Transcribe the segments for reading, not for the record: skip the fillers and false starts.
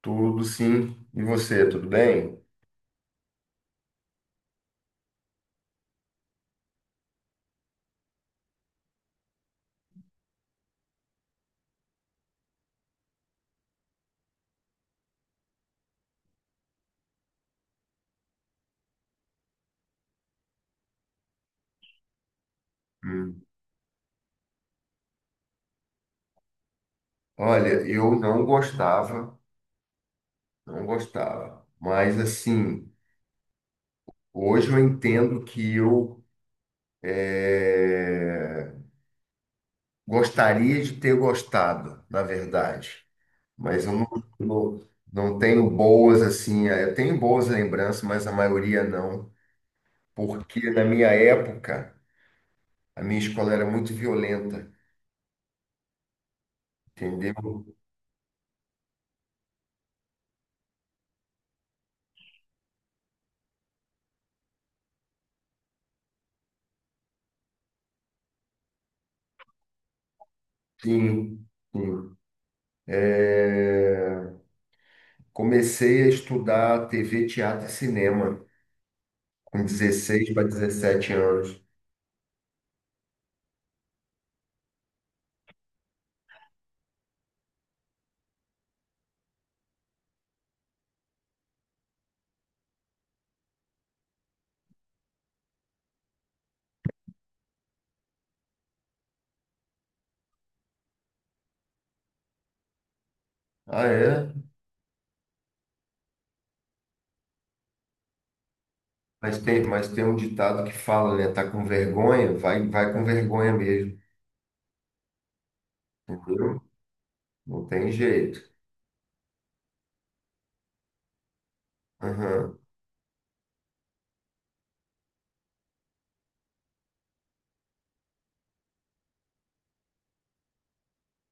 Tudo sim. E você, tudo bem? Hum. Olha, eu não gostava, não gostava. Mas assim, hoje eu entendo que eu eh, gostaria de ter gostado, na verdade. Mas eu não, não, não tenho boas assim. Eu tenho boas lembranças, mas a maioria não. Porque na minha época, a minha escola era muito violenta, entendeu? Sim, sim. Eh, Comecei a estudar TV, teatro e cinema com 16 para 17 anos. Ah, é? Mas tem um ditado que fala, né? Tá com vergonha? Vai, vai com vergonha mesmo, entendeu? Não tem jeito. Aham.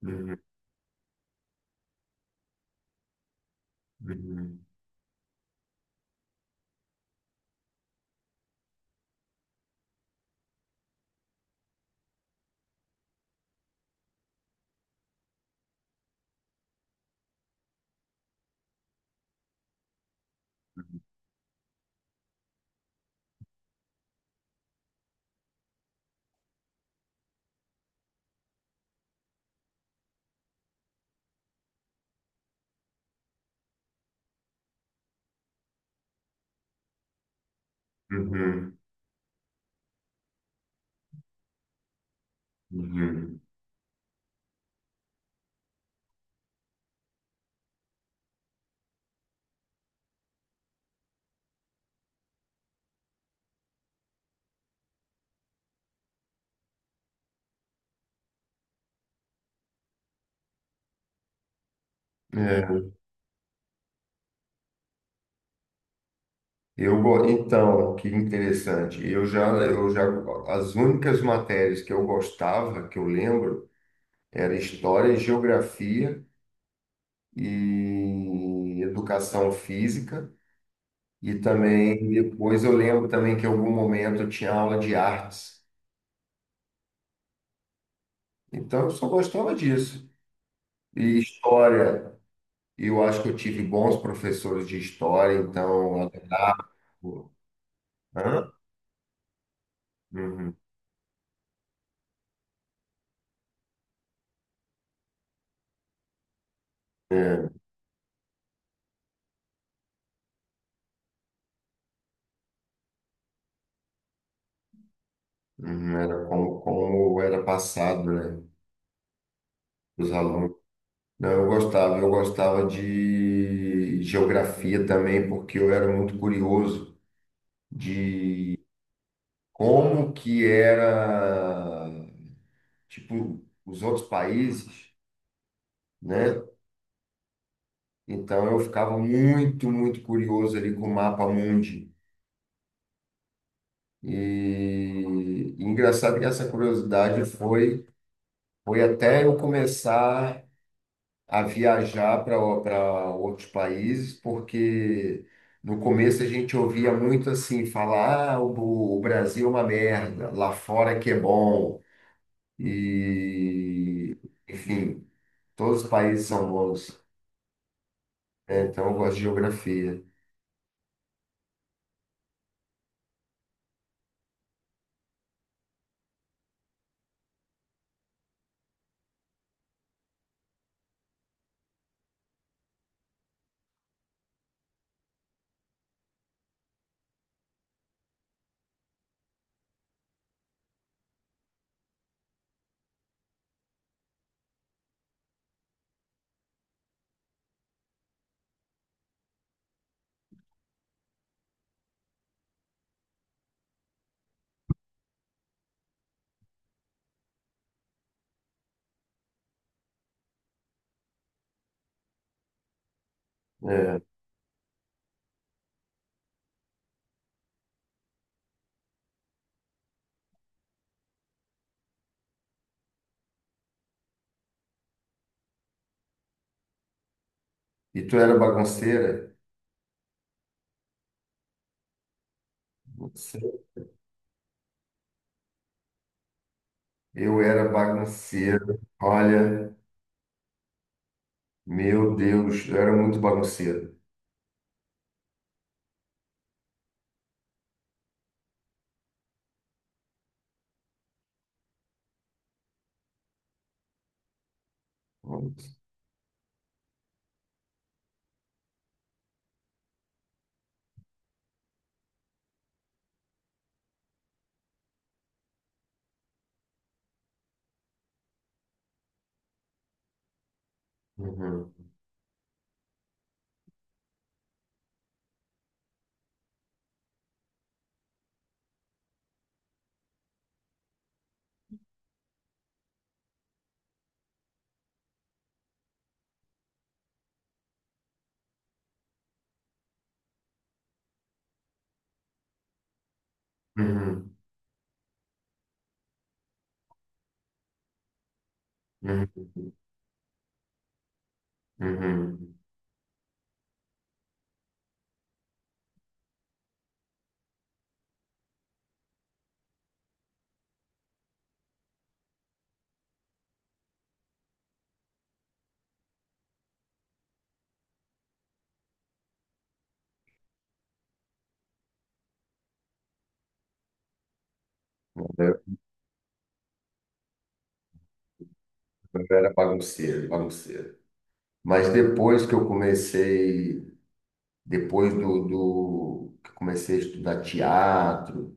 Uhum. Uhum. Uhum. Uhum. É. Então, que interessante. Eu já, as únicas matérias que eu gostava, que eu lembro, era história e geografia e educação física. E também depois eu lembro também que em algum momento eu tinha aula de artes. Então eu só gostava disso. E história, eu acho que eu tive bons professores de história, então eu adorava. Hã? Uhum. É. Uhum. Era como, como era passado, né? Os alunos. Não, eu gostava de geografia também, porque eu era muito curioso de como que era, tipo, os outros países, né? Então eu ficava muito, muito curioso ali com o mapa mundi. E, e engraçado que essa curiosidade foi, foi até eu começar a viajar para para outros países, porque no começo a gente ouvia muito assim, falar, ah, o Brasil é uma merda, lá fora que é bom. E, enfim, todos os países são bons. É, então eu gosto de geografia. É. E tu era bagunceira? Sim. Eu era bagunceiro. Olha, meu Deus, eu era muito bagunceiro. Uhum, uhum, uhum, uhum. Eu eu era bagunceiro, bagunceiro. Mas depois que eu comecei, depois do que eu comecei a estudar teatro,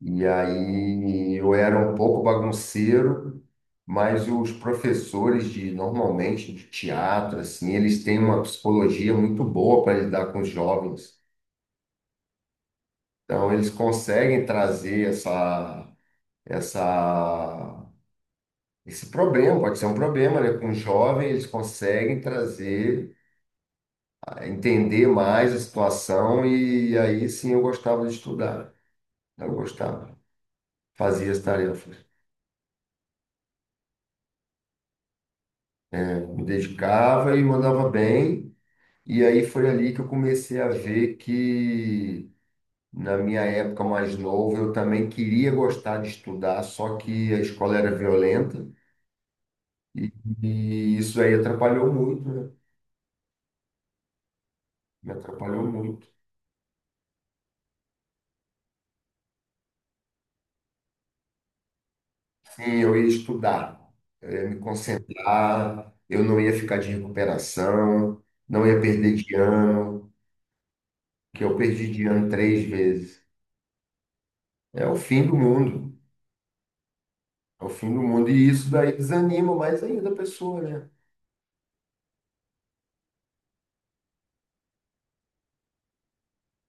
e aí eu era um pouco bagunceiro, mas os professores de normalmente de teatro, assim, eles têm uma psicologia muito boa para lidar com os jovens. Então eles conseguem trazer essa esse problema, pode ser um problema, né? Com o jovem, eles conseguem trazer, entender mais a situação e aí sim eu gostava de estudar. Eu gostava, fazia as tarefas, me dedicava e mandava bem. E aí foi ali que eu comecei a ver que, na minha época mais novo, eu também queria gostar de estudar, só que a escola era violenta e, e isso aí atrapalhou muito, né? Me atrapalhou muito. Sim, eu ia estudar, eu ia me concentrar, eu não ia ficar de recuperação, não ia perder de ano, que eu perdi de ano 3 vezes. É o fim do mundo, é o fim do mundo. E isso daí desanima mais ainda a pessoa, né?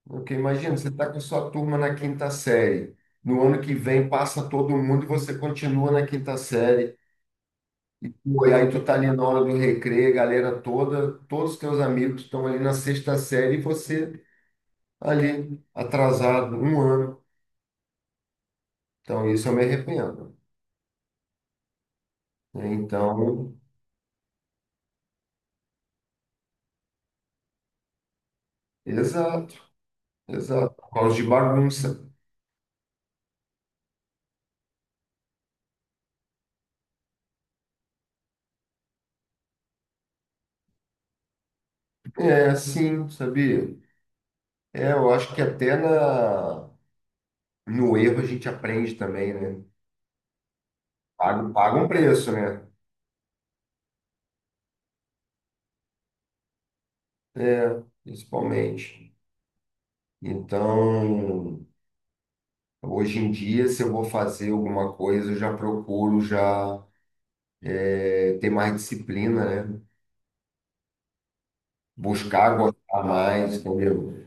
Porque imagina, você está com sua turma na quinta série. No ano que vem passa todo mundo e você continua na quinta série. Pô, e aí tu tá ali na hora do recreio, galera toda, todos os teus amigos estão ali na sexta série e você ali atrasado um ano. Então isso eu me arrependo. Né? Então, exato, exato. Por causa de bagunça. É, sim, sabia? É, eu acho que até na, no erro a gente aprende também, né? Paga, paga um preço, né? É, principalmente. Então, hoje em dia, se eu vou fazer alguma coisa, eu já procuro já ter mais disciplina, né? Buscar gostar mais, entendeu?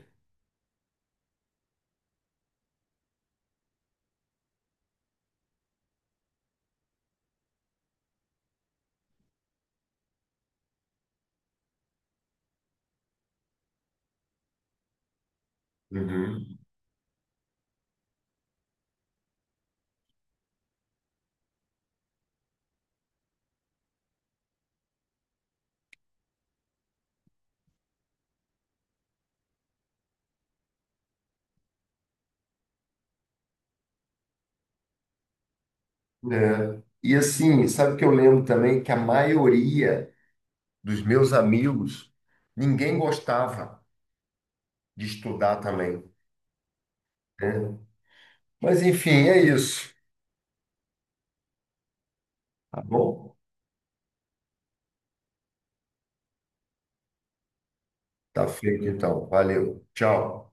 Uhum. É. E assim, sabe o que eu lembro também? Que a maioria dos meus amigos, ninguém gostava de estudar também, né? Mas enfim, é isso. Tá bom? Tá feito então. Valeu. Tchau.